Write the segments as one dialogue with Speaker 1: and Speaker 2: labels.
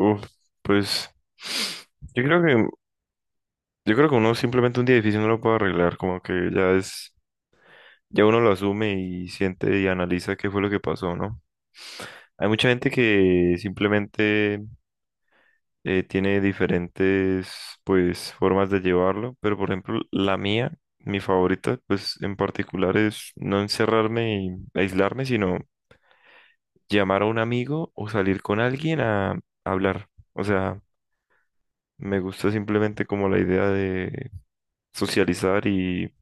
Speaker 1: Uf, pues yo creo que yo creo que uno simplemente un día difícil no lo puede arreglar, como que ya uno lo asume y siente y analiza qué fue lo que pasó, ¿no? Hay mucha gente que simplemente tiene diferentes pues formas de llevarlo, pero por ejemplo la mía, mi favorita pues en particular es no encerrarme y aislarme, sino llamar a un amigo o salir con alguien a hablar. O sea, me gusta simplemente como la idea de socializar y,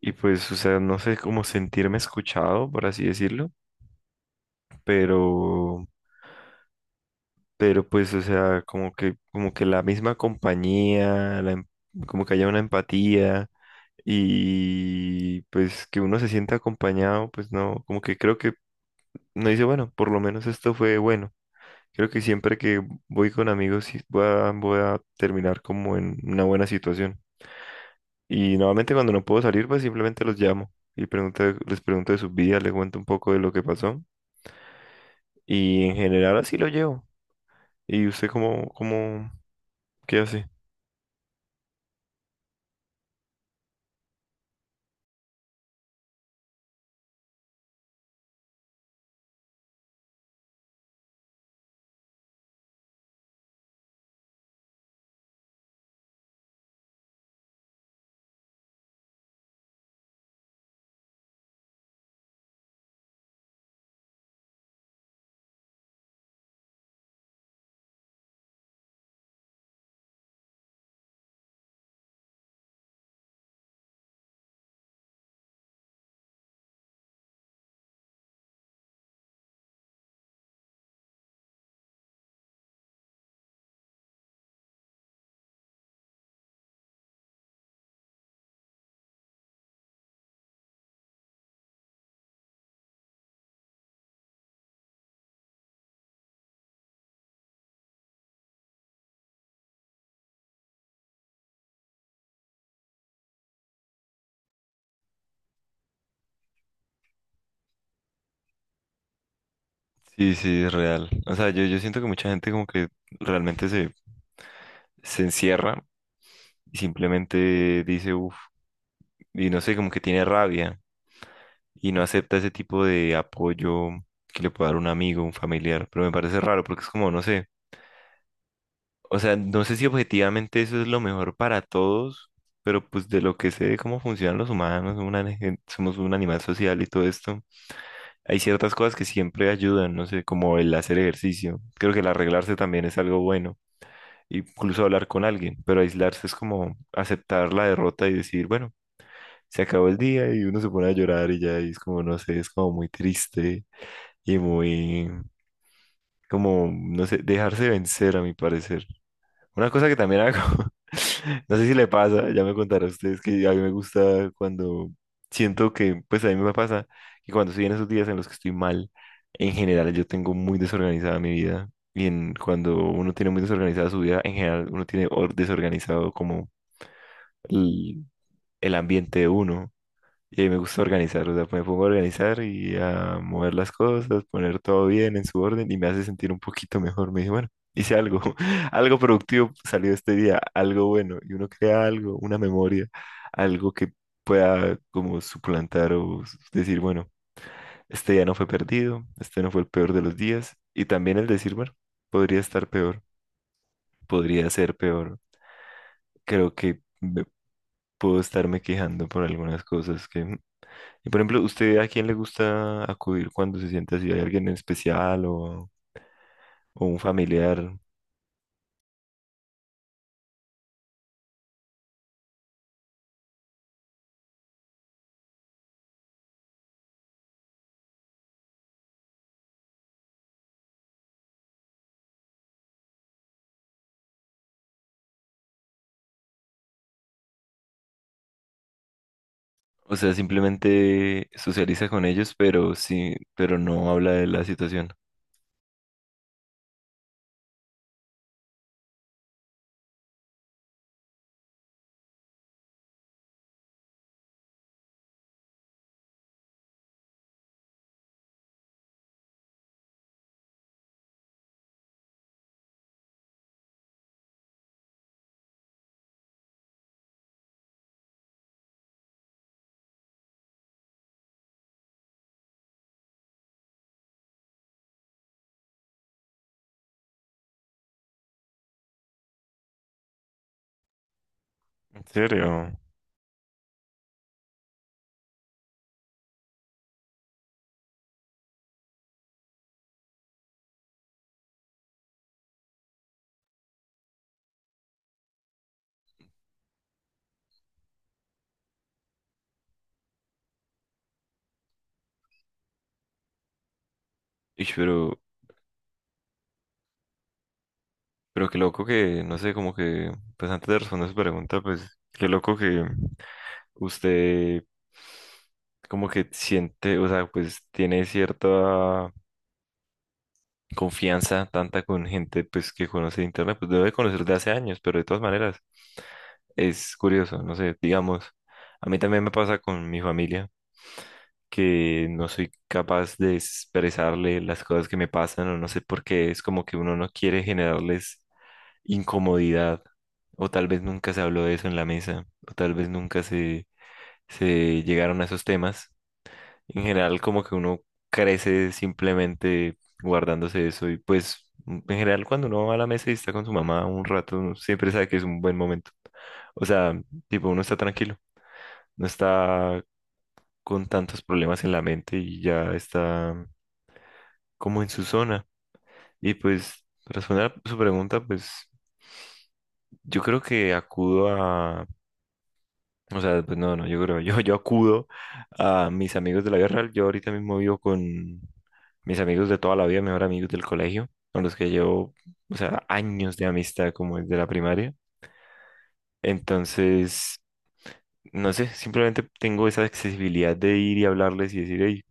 Speaker 1: y pues, o sea, no sé cómo sentirme escuchado, por así decirlo, pero, pero pues, o sea, como que la misma compañía, como que haya una empatía y pues que uno se sienta acompañado, pues no, como que creo que no dice, bueno, por lo menos esto fue bueno. Creo que siempre que voy con amigos sí voy a terminar como en una buena situación. Y normalmente cuando no puedo salir, pues simplemente los llamo y pregunto, les pregunto de sus vidas, les cuento un poco de lo que pasó. Y en general así lo llevo. ¿Y usted qué hace? Sí, sí, es real. O sea, yo siento que mucha gente como que realmente se, se encierra y simplemente dice, uff, y no sé, como que tiene rabia y no acepta ese tipo de apoyo que le puede dar un amigo, un familiar. Pero me parece raro porque es como, no sé. O sea, no sé si objetivamente eso es lo mejor para todos, pero pues de lo que sé de cómo funcionan los humanos, somos un animal social y todo esto, hay ciertas cosas que siempre ayudan, no sé, como el hacer ejercicio. Creo que el arreglarse también es algo bueno, incluso hablar con alguien, pero aislarse es como aceptar la derrota y decir, bueno, se acabó el día y uno se pone a llorar y ya y es como, no sé, es como muy triste y como, no sé, dejarse vencer a mi parecer. Una cosa que también hago, no sé si le pasa, ya me contarán ustedes que a mí me gusta cuando siento que, pues a mí me pasa que cuando estoy en esos días en los que estoy mal, en general yo tengo muy desorganizada mi vida cuando uno tiene muy desorganizada su vida, en general uno tiene desorganizado como el, el ambiente de uno, y ahí me gusta organizar, o sea, me pongo a organizar y a mover las cosas, poner todo bien en su orden y me hace sentir un poquito mejor. Me dije, bueno, hice algo, algo productivo salió este día, algo bueno, y uno crea algo, una memoria, algo que pueda como suplantar o s- decir, bueno, este día no fue perdido, este no fue el peor de los días, y también el decir, bueno, podría estar peor, podría ser peor. Creo que me- puedo estarme quejando por algunas cosas que. Y por ejemplo, ¿usted a quién le gusta acudir cuando se siente así? ¿Hay alguien en especial o un familiar? O sea, simplemente socializa con ellos, pero sí, pero no habla de la situación. ¿En serio? Ish, pero qué loco que, no sé, como que, pues antes de responder su pregunta, pues qué loco que usted como que siente, o sea, pues tiene cierta confianza tanta con gente pues que conoce internet, pues debe conocer de hace años, pero de todas maneras es curioso, no sé, digamos, a mí también me pasa con mi familia que no soy capaz de expresarle las cosas que me pasan o no sé por qué, es como que uno no quiere generarles incomodidad o tal vez nunca se habló de eso en la mesa o tal vez nunca se, se llegaron a esos temas en general, como que uno crece simplemente guardándose eso y pues en general cuando uno va a la mesa y está con su mamá un rato, uno siempre sabe que es un buen momento. O sea, tipo, uno está tranquilo, no está con tantos problemas en la mente y ya está como en su zona. Y pues, para responder a su pregunta, pues yo creo que acudo a. O sea, pues no, no, yo creo, yo acudo a mis amigos de la vida real. Yo ahorita mismo vivo con mis amigos de toda la vida, mejor amigos del colegio, con los que llevo, o sea, años de amistad como desde la primaria. Entonces, no sé, simplemente tengo esa accesibilidad de ir y hablarles y decir, hey,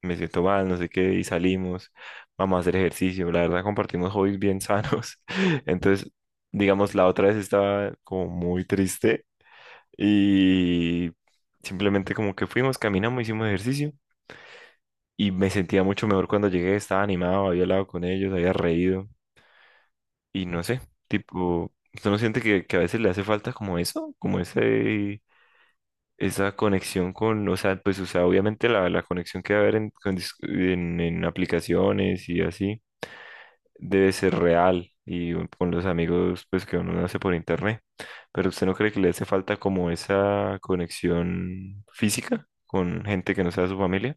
Speaker 1: me siento mal, no sé qué, y salimos, vamos a hacer ejercicio. La verdad, compartimos hobbies bien sanos. Entonces, digamos, la otra vez estaba como muy triste y simplemente como que fuimos, caminamos, hicimos ejercicio y me sentía mucho mejor cuando llegué, estaba animado, había hablado con ellos, había reído y no sé, tipo, ¿usted no siente que a veces le hace falta como eso, esa conexión con, o sea, pues, o sea, obviamente la conexión que va a haber con en aplicaciones y así? Debe ser real con los amigos pues que uno no hace por internet. Pero ¿usted no cree que le hace falta como esa conexión física con gente que no sea su familia?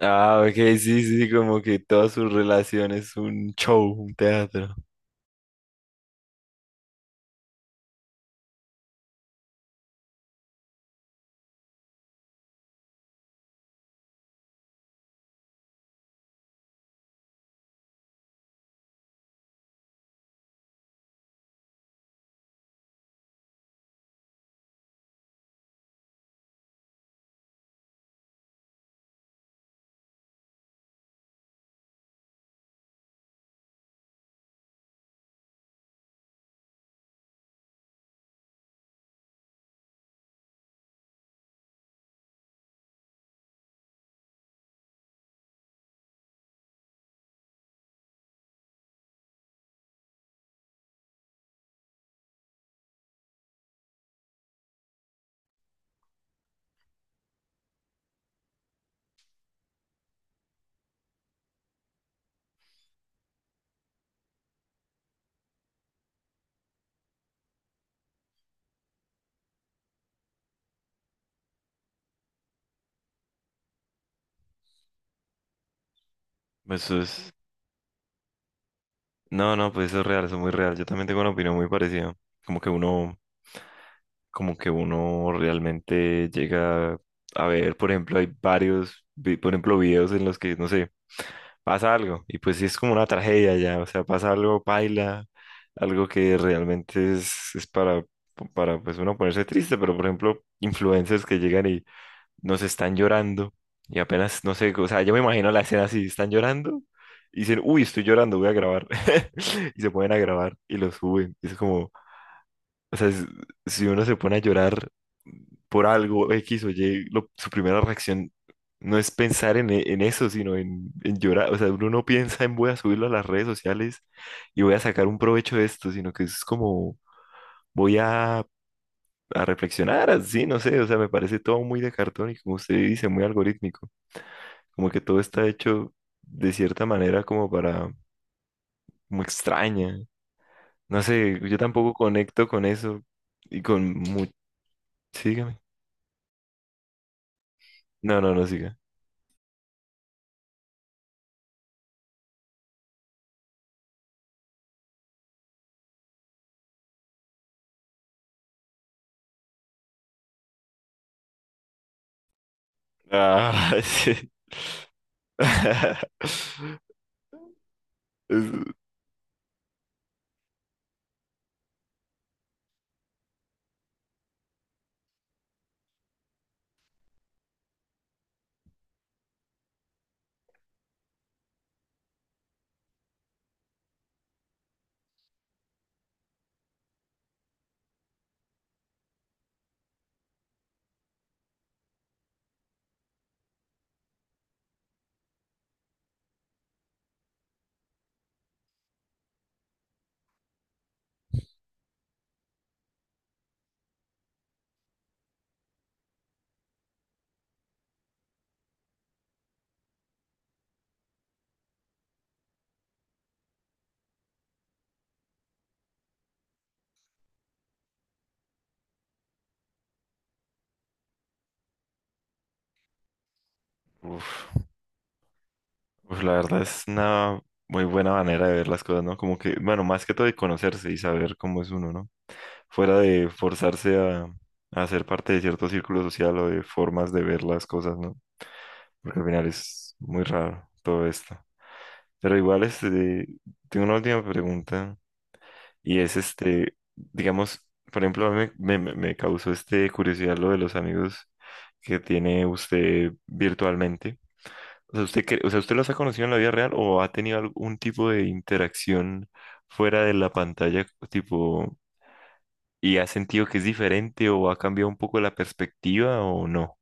Speaker 1: Ah, ok, sí, sí, como que todas sus relaciones es un show, un teatro. Eso es... No, no, pues eso es real, eso es muy real. Yo también tengo una opinión muy parecida. Como que uno como que uno realmente llega a ver, por ejemplo, hay varios, por ejemplo, videos en los que, no sé, pasa algo y pues sí es como una tragedia ya, o sea, pasa algo, baila, algo que realmente es para pues uno ponerse triste, pero por ejemplo, influencers que llegan y nos están llorando y apenas, no sé, o sea, yo me imagino la escena así, están llorando. Y dicen, uy, estoy llorando, voy a grabar. Y se ponen a grabar y lo suben. Es como, o sea, si uno se pone a llorar por algo X o Y, su primera reacción no es pensar en eso, sino en llorar. O sea, uno no piensa en voy a subirlo a las redes sociales y voy a sacar un provecho de esto, sino que es como voy a reflexionar así, no sé, o sea, me parece todo muy de cartón y como usted dice, muy algorítmico, como que todo está hecho de cierta manera como para, como extraña. No sé, yo tampoco conecto con eso y con... Sígame. No, no, no siga. Ah, sí. Es- uf, uf, la verdad es una muy buena manera de ver las cosas, ¿no? Como que, bueno, más que todo de conocerse y saber cómo es uno, ¿no? Fuera de forzarse a ser parte de cierto círculo social o de formas de ver las cosas, ¿no? Porque al final es muy raro todo esto. Pero igual, este, tengo una última pregunta y es este, digamos, por ejemplo, a mí me causó este curiosidad lo de los amigos que tiene usted virtualmente. O sea, ¿usted, o sea, ¿usted los ha conocido en la vida real o ha tenido algún tipo de interacción fuera de la pantalla, tipo, y ha sentido que es diferente o ha cambiado un poco la perspectiva o no?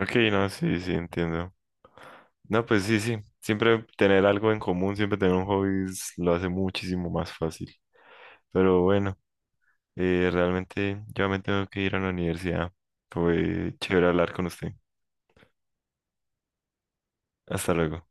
Speaker 1: Ok, no, sí, sí, entiendo. No, pues sí, sí. Siempre tener algo en común, siempre tener un hobby lo hace muchísimo más fácil. Pero bueno, realmente yo me tengo que ir a la universidad. Fue chévere hablar con usted. Hasta luego.